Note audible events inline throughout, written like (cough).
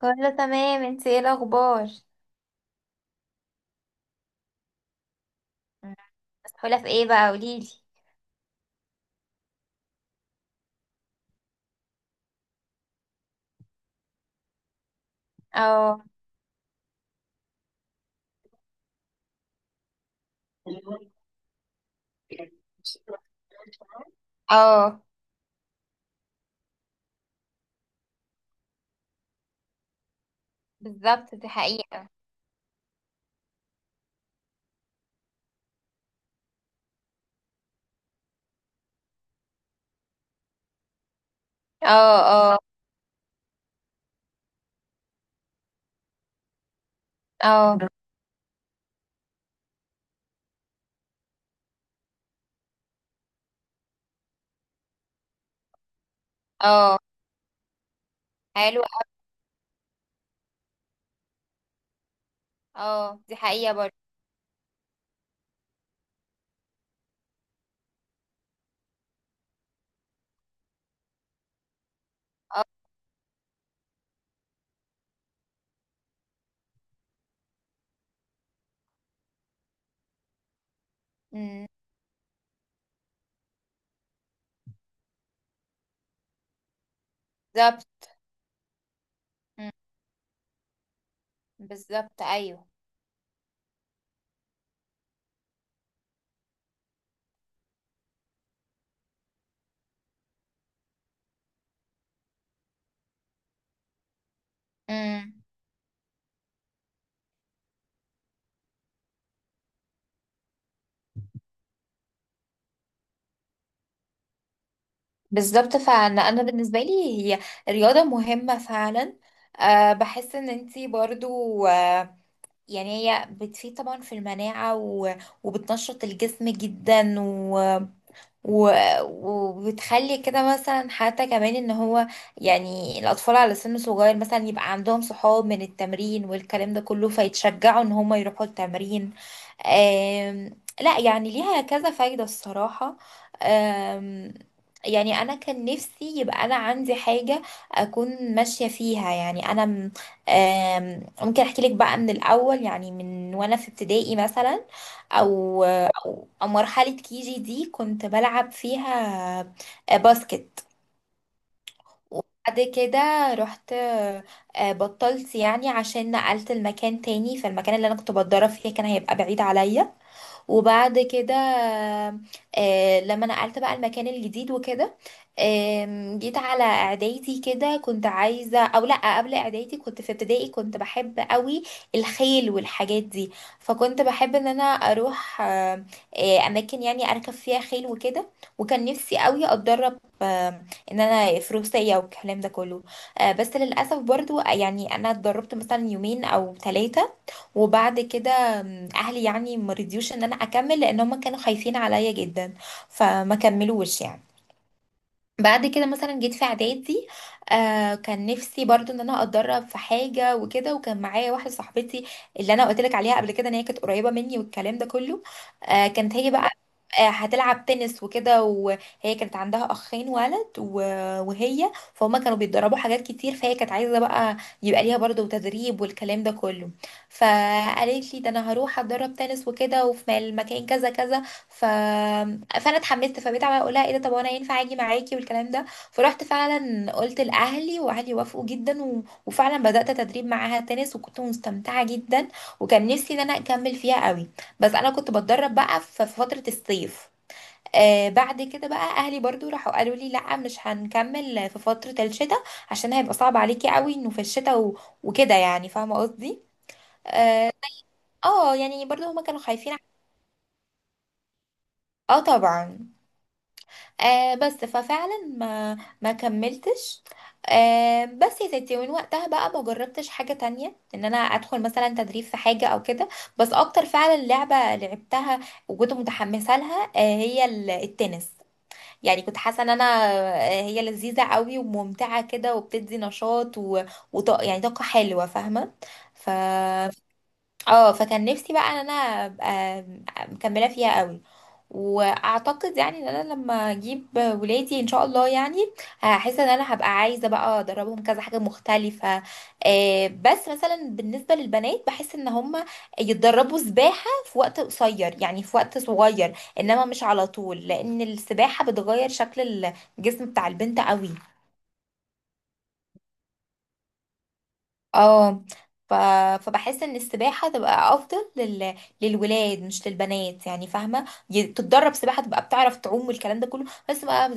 كله تمام، انت ايه الاخبار؟ مم. مسحولة في ايه بقى؟ قوليلي. اه. اه، بالظبط دي حقيقة. اه، اه، اه، اه، حلو أوي. اه، دي حقيقة برضه. مم، بالظبط. مم، بالظبط، ايوه. مم، بالظبط، فعلا انا بالنسبة لي هي رياضة مهمة فعلا. بحس ان انتي برضو، يعني هي بتفيد طبعا في المناعة وبتنشط الجسم جدا و... وبتخلي كده مثلا حتى كمان ان هو، يعني الاطفال على سن صغير مثلا يبقى عندهم صحاب من التمرين والكلام ده كله فيتشجعوا ان هم يروحوا التمرين. لا يعني ليها كذا فايدة الصراحة. آم... يعني انا كان نفسي يبقى انا عندي حاجة اكون ماشية فيها، يعني انا ممكن احكي لك بقى من الاول، يعني من وانا في ابتدائي مثلا، او مرحلة كيجي دي كنت بلعب فيها باسكت. وبعد كده رحت، بطلت يعني، عشان نقلت المكان تاني، فالمكان اللي انا كنت بتدرب فيه كان هيبقى بعيد عليا. وبعد كده، لما نقلت بقى المكان الجديد وكده، جيت على اعدادي كده كنت عايزه، او لا قبل اعدادي كنت في ابتدائي كنت بحب قوي الخيل والحاجات دي. فكنت بحب ان انا اروح اماكن يعني اركب فيها خيل وكده. وكان نفسي قوي اتدرب، ان انا فروسيه والكلام ده كله. بس للاسف برضو، يعني انا اتدربت مثلا يومين او ثلاثه، وبعد كده اهلي يعني ما رضيوش ان انا اكمل، لان هم كانوا خايفين عليا جدا، فما كملوش يعني. بعد كده مثلا جيت في اعدادي، كان نفسي برضو ان انا اتدرب في حاجه وكده، وكان معايا واحده صاحبتي اللي انا قلت لك عليها قبل كده، ان هي كانت قريبه مني والكلام ده كله. كانت هي بقى هتلعب تنس وكده، وهي كانت عندها اخين ولد، وهي فهم كانوا بيتدربوا حاجات كتير، فهي كانت عايزه بقى يبقى ليها برضو تدريب والكلام ده كله. فقالت لي ده انا هروح اتدرب تنس وكده وفي مكان كذا كذا. ف... فانا اتحمست، فبقيت عماله اقول لها ايه ده، طب وانا ينفع اجي معاكي والكلام ده. فرحت فعلا قلت لاهلي، واهلي وافقوا جدا وفعلا بدات تدريب معاها تنس، وكنت مستمتعه جدا، وكان نفسي ان انا اكمل فيها قوي. بس انا كنت بتدرب بقى في فتره الصيف. بعد كده بقى اهلي برضو راحوا قالوا لي لا مش هنكمل في فتره الشتاء، عشان هيبقى صعب عليكي قوي انه في الشتاء وكده، يعني فاهمه قصدي. اه. يعني برضو هما كانوا خايفين. اه طبعا. بس ففعلا ما كملتش. بس يا ستي، ومن وقتها بقى ما جربتش حاجة تانية، ان انا ادخل مثلا تدريب في حاجة او كده. بس اكتر فعلا لعبة لعبتها وكنت متحمسة لها هي التنس. يعني كنت حاسة ان انا هي لذيذة قوي وممتعة كده، وبتدي نشاط يعني طاقة حلوة فاهمة. ف اه فكان نفسي بقى ان انا ابقى مكملة فيها قوي. واعتقد يعني ان انا لما اجيب ولادي ان شاء الله، يعني هحس ان انا هبقى عايزه بقى ادربهم كذا حاجه مختلفه. بس مثلا بالنسبه للبنات بحس ان هم يتدربوا سباحه في وقت قصير، يعني في وقت صغير، انما مش على طول، لان السباحه بتغير شكل الجسم بتاع البنت قوي. اه. ف... فبحس ان السباحه تبقى افضل للولاد مش للبنات، يعني فاهمه. تتدرب سباحه تبقى بتعرف تعوم والكلام ده كله بس بقى.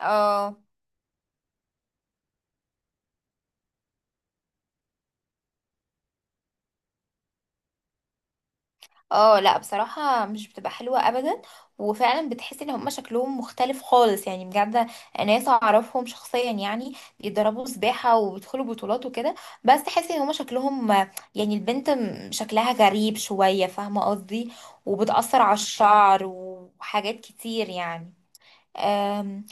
اه. اه، لا بصراحة مش بتبقى حلوة ابدا، وفعلا بتحس ان هما شكلهم مختلف خالص يعني بجد. ناس اعرفهم شخصيا يعني بيتدربوا سباحة وبيدخلوا بطولات وكده، بس تحس ان هما شكلهم، يعني البنت شكلها غريب شوية فاهمة قصدي، وبتأثر على الشعر وحاجات كتير يعني.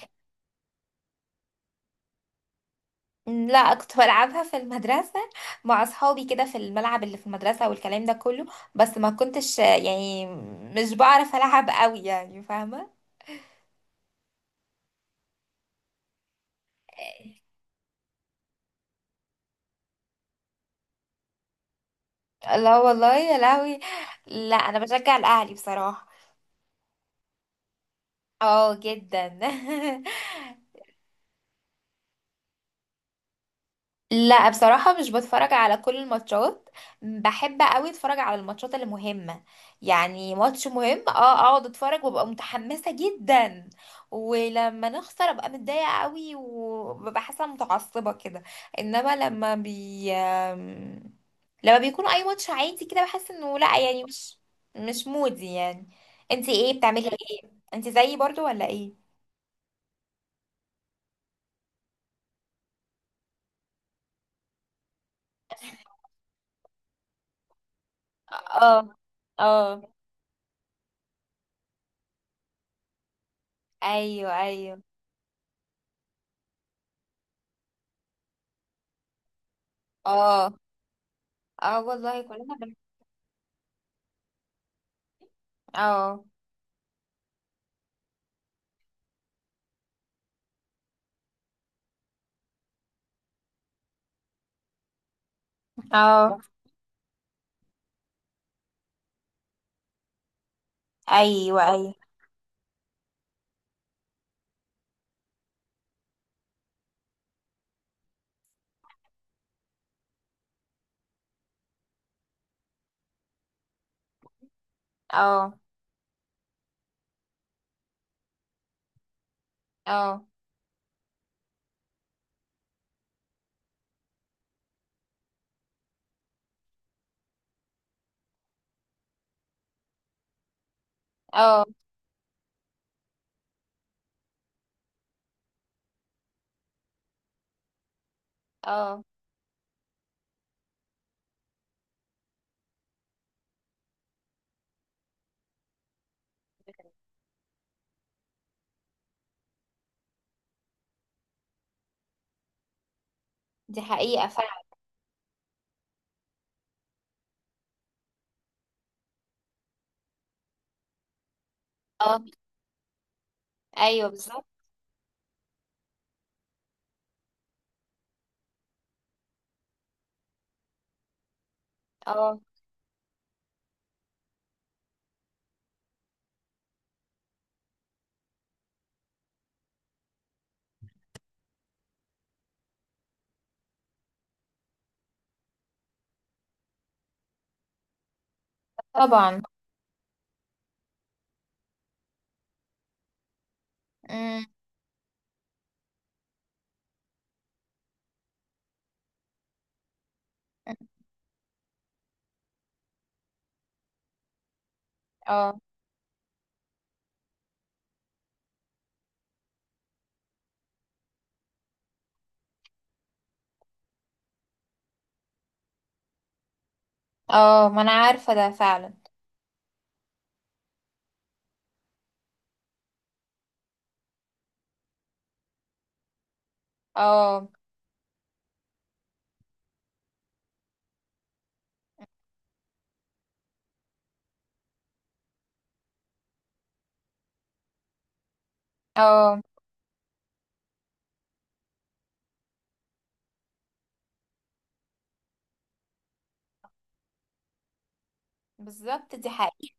لا كنت بلعبها في المدرسة مع أصحابي كده، في الملعب اللي في المدرسة والكلام ده كله. بس ما كنتش، يعني مش بعرف ألعب قوي يعني فاهمة. لا والله يا لهوي. لا أنا بشجع الأهلي بصراحة. اه جدا. (laughs) لا بصراحة مش بتفرج على كل الماتشات. بحب قوي اتفرج على الماتشات اللي مهمة. يعني ماتش مهم، اه، اقعد اتفرج وابقى متحمسة جدا، ولما نخسر ابقى متضايقة قوي، وببقى حاسة متعصبة كده. انما لما بي آم، لما بيكون اي ماتش عادي كده بحس انه لا، يعني مش مودي يعني. انتي ايه بتعملي ايه؟ انتي زيي برضو ولا ايه؟ اه، اه، ايوه، ايوه، اه، اه، والله كلنا. اه، اه، ايوه، ايوه، اه، اه، اه، اه، دي حقيقة فعلا. اه، ايوه، بالظبط. اه، طبعا. امم، اه، اه، ما انا عارفة ده فعلا. اه، اه، بالظبط دي حقيقة.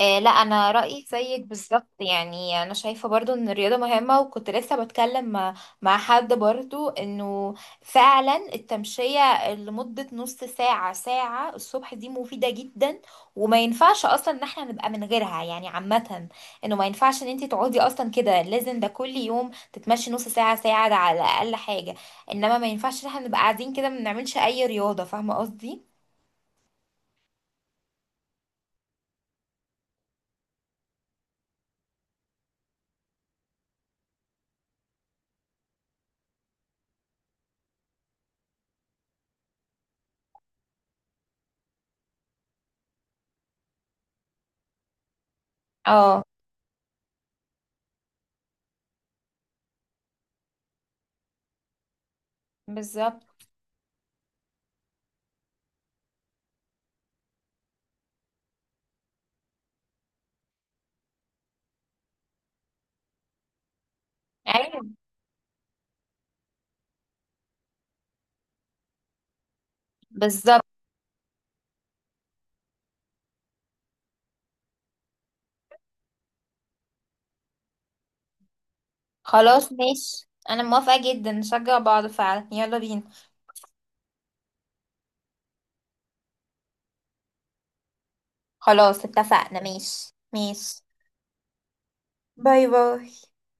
لا انا رايي زيك بالظبط، يعني انا شايفه برضو ان الرياضه مهمه. وكنت لسه بتكلم مع, حد برضو انه فعلا التمشيه لمده نص ساعه ساعه الصبح دي مفيده جدا، وما ينفعش اصلا ان احنا نبقى من غيرها يعني عامه. انه ما ينفعش ان انت تقعدي اصلا كده، لازم ده كل يوم تتمشي نص ساعه ساعه، ده على اقل حاجه. انما ما ينفعش ان احنا نبقى قاعدين كده ما بنعملش اي رياضه، فاهمه قصدي. اه، بالظبط. ايوه، بالظبط. خلاص ماشي، انا موافقة جدا، نشجع بعض فعلا، يلا بينا. خلاص اتفقنا، ماشي، ماشي. باي باي.